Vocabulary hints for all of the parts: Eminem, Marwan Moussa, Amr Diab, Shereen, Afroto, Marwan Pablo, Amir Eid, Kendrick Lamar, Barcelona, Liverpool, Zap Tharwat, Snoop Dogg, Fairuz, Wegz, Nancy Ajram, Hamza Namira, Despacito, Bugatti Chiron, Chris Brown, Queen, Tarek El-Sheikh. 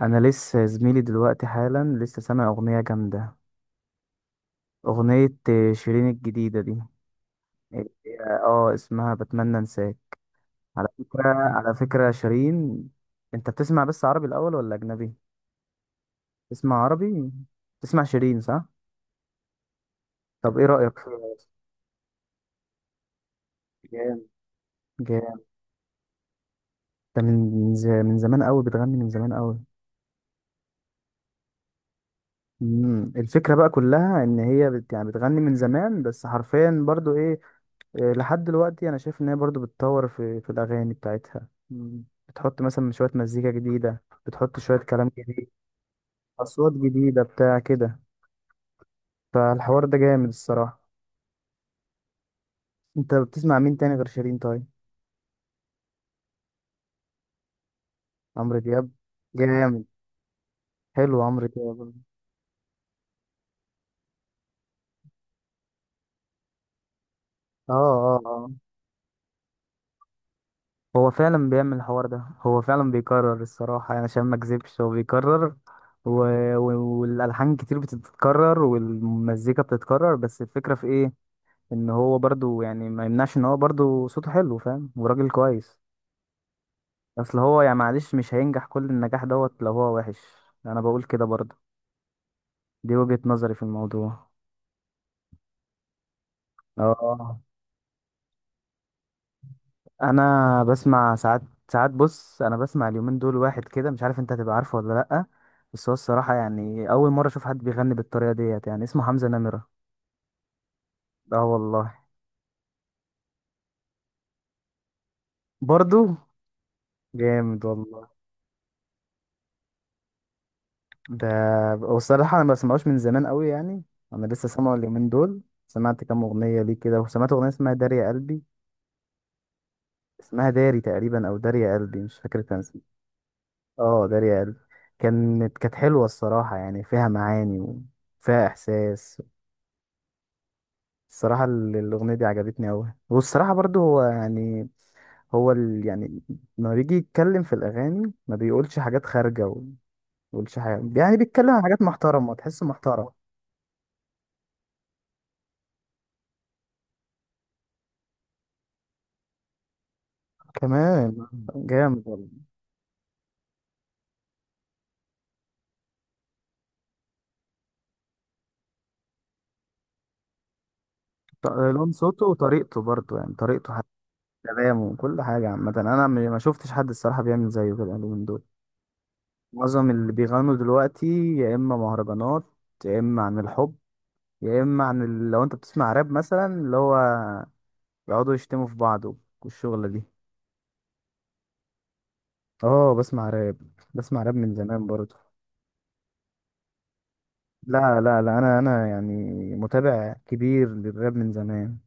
انا لسه زميلي دلوقتي حالا لسه سامع اغنيه جامده. اغنيه شيرين الجديده دي. اه. اسمها بتمنى انساك. على فكره شيرين. انت بتسمع بس عربي الاول ولا اجنبي؟ تسمع عربي. تسمع شيرين، صح؟ طب ايه رايك فيها أصلاً؟ جامد. جامد. ده من من زمان قوي، بتغني من زمان قوي. الفكره بقى كلها ان هي يعني بتغني من زمان، بس حرفيا برضو ايه. لحد دلوقتي انا شايف ان هي برضو بتطور في الاغاني بتاعتها. بتحط مثلا شويه مزيكا جديده، بتحط شويه كلام جديد، اصوات جديده بتاع كده. فالحوار ده جامد الصراحه. انت بتسمع مين تاني غير شيرين طيب؟ عمرو دياب. جامد. حلو عمرو دياب. اه، اه، اه. هو فعلا بيعمل الحوار ده، هو فعلا بيكرر الصراحه، يعني عشان ما اكذبش هو بيكرر. و... و... والالحان كتير بتتكرر والمزيكا بتتكرر، بس الفكره في ايه، ان هو برضو يعني ما يمنعش ان هو برضو صوته حلو، فاهم، وراجل كويس. اصل هو يعني معلش مش هينجح كل النجاح دوت لو هو وحش. انا بقول كده برضو. دي وجهة نظري في الموضوع. اه. انا بسمع ساعات. ساعات بص، انا بسمع اليومين دول واحد كده مش عارف انت هتبقى عارفه ولا لأ، بس هو الصراحة يعني اول مرة اشوف حد بيغني بالطريقة ديت، يعني اسمه حمزة نمرة. اه والله. برضو. جامد والله. ده والصراحة أنا ما بسمعوش من زمان قوي يعني. أنا لسه سامعه اليومين دول. سمعت كام أغنية ليه كده، وسمعت أغنية اسمها داريا قلبي. اسمها داري تقريبا، أو داريا قلبي، مش فاكر كان اسمها. اه، داريا قلبي. كانت حلوة الصراحة، يعني فيها معاني وفيها إحساس. الصراحة الأغنية دي عجبتني أوي. والصراحة برضو هو يعني، هو يعني لما بيجي يتكلم في الأغاني ما بيقولش حاجات خارجة، وما بيقولش حاجة، يعني بيتكلم عن حاجات محترمة، تحسه محترم. كمان. جامد والله. ط- لون صوته وطريقته برضه، يعني طريقته حتى، كلامه وكل حاجة عامة، أنا ما شفتش حد الصراحة بيعمل زيه كده اليومين دول. معظم اللي بيغنوا دلوقتي، يا إما مهرجانات، يا إما عن الحب، يا إما عن لو أنت بتسمع راب مثلا، اللي هو يقعدوا يشتموا في بعض، والشغلة دي. اه. بسمع راب. بسمع راب من زمان برضه. لا، لا، لا، أنا يعني متابع كبير للراب من زمان.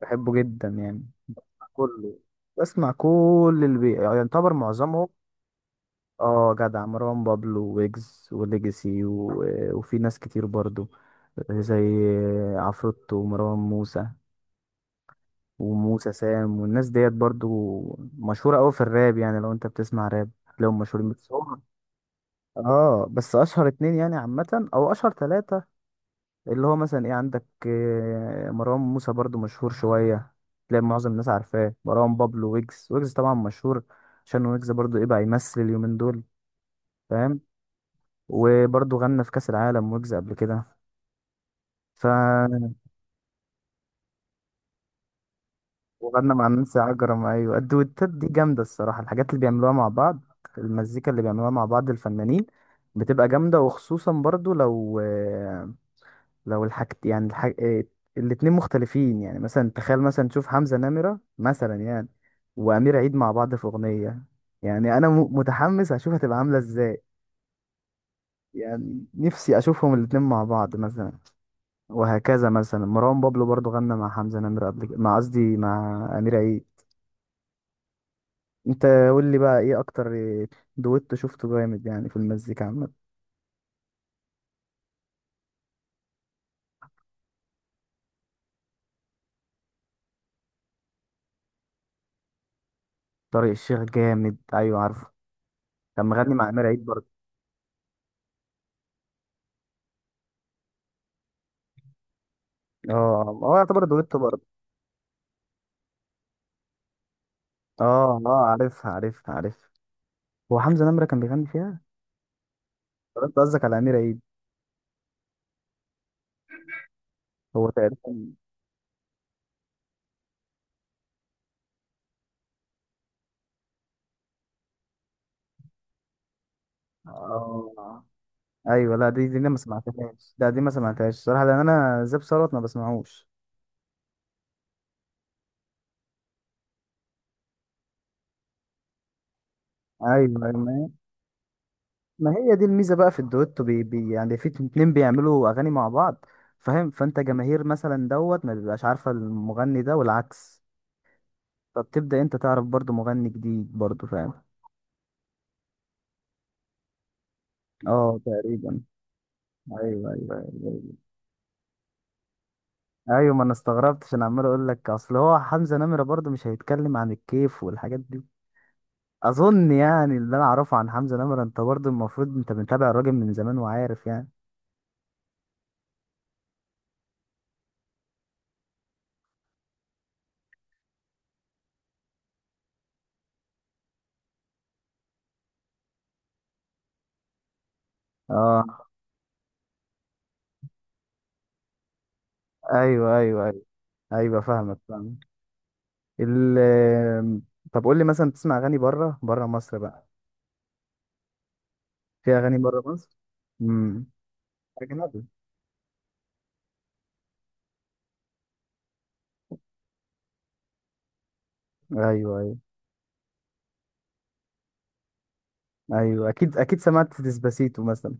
بحبه جدا يعني. كله. بسمع كل يعني يعتبر معظمهم. اه جدع، مروان بابلو، ويجز، وليجاسي وفي ناس كتير برضو، زي عفروتو ومروان موسى وموسى سام والناس ديت برضو. مشهورة أوي في الراب، يعني لو انت بتسمع راب تلاقيهم مشهورين، بس هم. اه، بس اشهر اتنين يعني عامة او اشهر تلاتة، اللي هو مثلا ايه عندك، مروان موسى برضو مشهور شوية، تلاقي معظم الناس عارفاه. مروان بابلو، ويجز. ويجز طبعا مشهور، عشان ويجز برضو ايه بقى، يمثل اليومين دول، فاهم. وبرضه غنى في كأس العالم ويجز قبل كده. ف وغنى مع نانسي عجرم، ايوه الدويتات دي جامده الصراحه، الحاجات اللي بيعملوها مع بعض، المزيكا اللي بيعملوها مع بعض الفنانين بتبقى جامده، وخصوصا برضو لو الحاجت يعني الاتنين مختلفين. يعني مثلا تخيل، مثلا تشوف حمزه نمره مثلا يعني، وامير عيد مع بعض في اغنيه. يعني انا متحمس اشوف هتبقى عامله ازاي. يعني نفسي اشوفهم الاتنين مع بعض مثلا. وهكذا، مثلا مروان بابلو برضو غنى مع حمزة نمرة قبل كده، مع قصدي مع أمير عيد. انت قول لي بقى ايه اكتر دويتو شفته جامد يعني في المزيكا عامة؟ طارق الشيخ جامد، ايوه عارفه. كان مغني مع أمير عيد برضه. اه، هو يعتبر دويتو برضه. اه، اه، عارفها، عارفها، عارفها. هو حمزة نمرة كان بيغني فيها. طب انت قصدك على أمير عيد؟ هو تقريبا. اه. ايوه. لا، دي انا ما سمعتهاش، لا دي ما سمعتهاش صراحة، لان انا زاب ثروت ما بسمعوش. ايوه. ايوه. ما هي دي الميزه بقى في الدويتو، بي بي يعني في اتنين بيعملوا اغاني مع بعض، فاهم. فانت جماهير مثلا دوت ما بيبقاش عارفه المغني ده، والعكس. فبتبدا انت تعرف برضو مغني جديد برضو، فاهم. اه، تقريبا. ايوه، ايوه، ايوه، ايوه. أيوه، ما انا استغربت، عشان عمال اقول لك اصل هو حمزه نمره برضو مش هيتكلم عن الكيف والحاجات دي. اظن يعني اللي انا اعرفه عن حمزه نمره، انت برضو المفروض انت متابع الراجل من زمان وعارف يعني. اه، ايوه، ايوه، ايوه، ايوه، فاهمك، فاهمك. ال طب قول لي مثلا تسمع اغاني بره مصر بقى؟ في اغاني بره مصر. امم اجنبي. ايوه، ايوه، ايوه. اكيد، اكيد سمعت ديسباسيتو مثلا.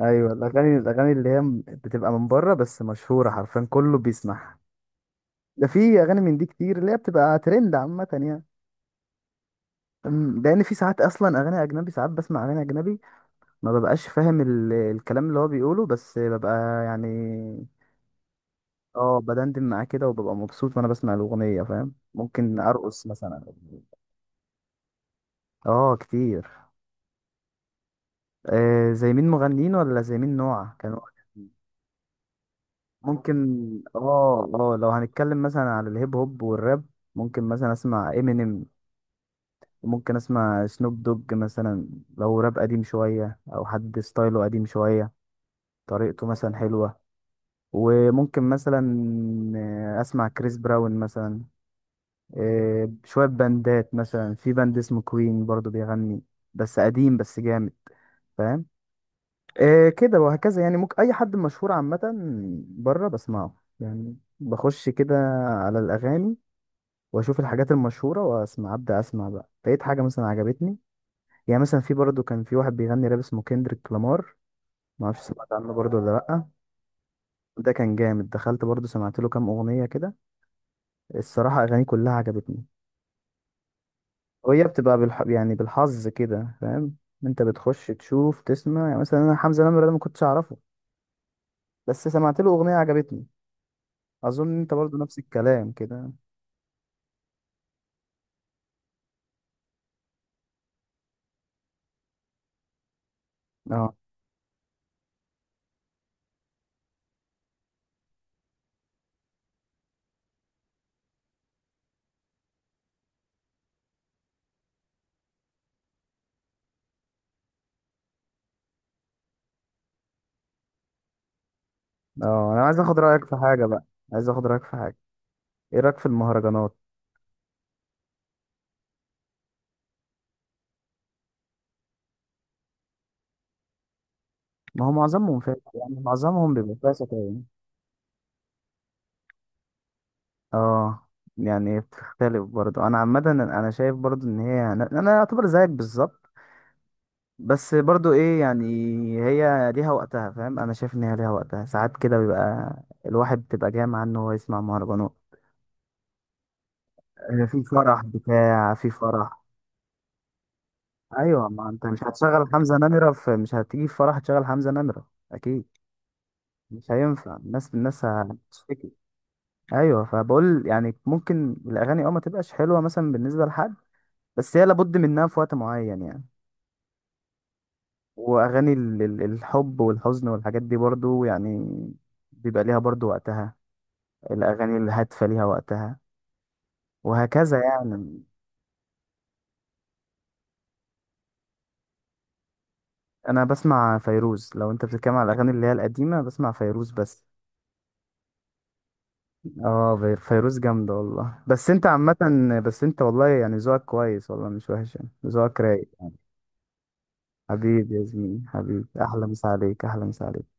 ايوه، الاغاني اللي هي بتبقى من بره بس مشهوره حرفيا كله بيسمعها. ده في اغاني من دي كتير اللي هي بتبقى ترند عامه يعني. لان في ساعات اصلا اغاني اجنبي، ساعات بسمع اغاني اجنبي ما ببقاش فاهم الكلام اللي هو بيقوله، بس ببقى يعني. اه بدندن معاه كده، وببقى مبسوط وانا بسمع الاغنيه، فاهم، ممكن ارقص مثلا. اه، كتير. آه، زي مين؟ مغنيين ولا زي مين نوع كانوا؟ ممكن. اه، اه، لو هنتكلم مثلا على الهيب هوب والراب، ممكن مثلا اسمع امينيم، وممكن اسمع سنوب دوج مثلا، لو راب قديم شويه او حد ستايله قديم شويه، طريقته مثلا حلوه. وممكن مثلا اسمع كريس براون مثلا. شوية باندات مثلا، في باند اسمه كوين برضو بيغني، بس قديم بس جامد، فاهم. كده وهكذا، يعني ممكن أي حد مشهور عامة بره بسمعه، يعني بخش كده على الأغاني، وأشوف الحاجات المشهورة وأسمع، أبدأ أسمع بقى لقيت حاجة مثلا عجبتني. يعني مثلا في برضو كان في واحد بيغني راب اسمه كندريك لامار. معرفش سمعت عنه برضو ولا لأ. ده كان جامد، دخلت برضو سمعت له كام أغنية كده، الصراحة أغانيه كلها عجبتني. وهي بتبقى يعني بالحظ كده، فاهم. انت بتخش تشوف تسمع، يعني مثلا انا حمزة نمرة ده ما كنتش اعرفه، بس سمعت له اغنية عجبتني. اظن انت برضو نفس الكلام كده. اه، اه. انا عايز اخد رأيك في حاجة بقى. عايز اخد رأيك في حاجة. ايه رأيك في المهرجانات؟ ما هو معظمهم فاهم، يعني معظمهم بيبقى فيها شتايم. اه، يعني بتختلف برضو. انا عامة انا شايف برضو ان هي، انا اعتبر زيك بالظبط، بس برضو ايه يعني، هي ليها وقتها، فاهم. انا شايف ان هي ليها وقتها ساعات كده، بيبقى الواحد بتبقى جاي معاه ان هو يسمع مهرجانات. في فرح بتاع، في فرح. ايوه، ما انت مش هتشغل حمزة نمرة في، مش هتيجي في فرح تشغل حمزة نمرة. اكيد. مش هينفع، الناس هتشتكي. ايوه فبقول يعني ممكن الاغاني ما تبقاش حلوه مثلا بالنسبه لحد، بس هي لابد منها في وقت معين يعني. واغاني الحب والحزن والحاجات دي برضو يعني بيبقى ليها برضو وقتها. الأغاني الهادفة ليها وقتها، وهكذا يعني. أنا بسمع فيروز لو أنت بتتكلم على الأغاني اللي هي القديمة. بسمع فيروز بس. اه، فيروز جامدة والله. بس أنت عامة، بس أنت والله يعني ذوقك كويس والله، مش وحش يعني، ذوقك رايق يعني. حبيبي يا زميلي، حبيبي، أحلى مسا عليك، أحلى مسا عليك.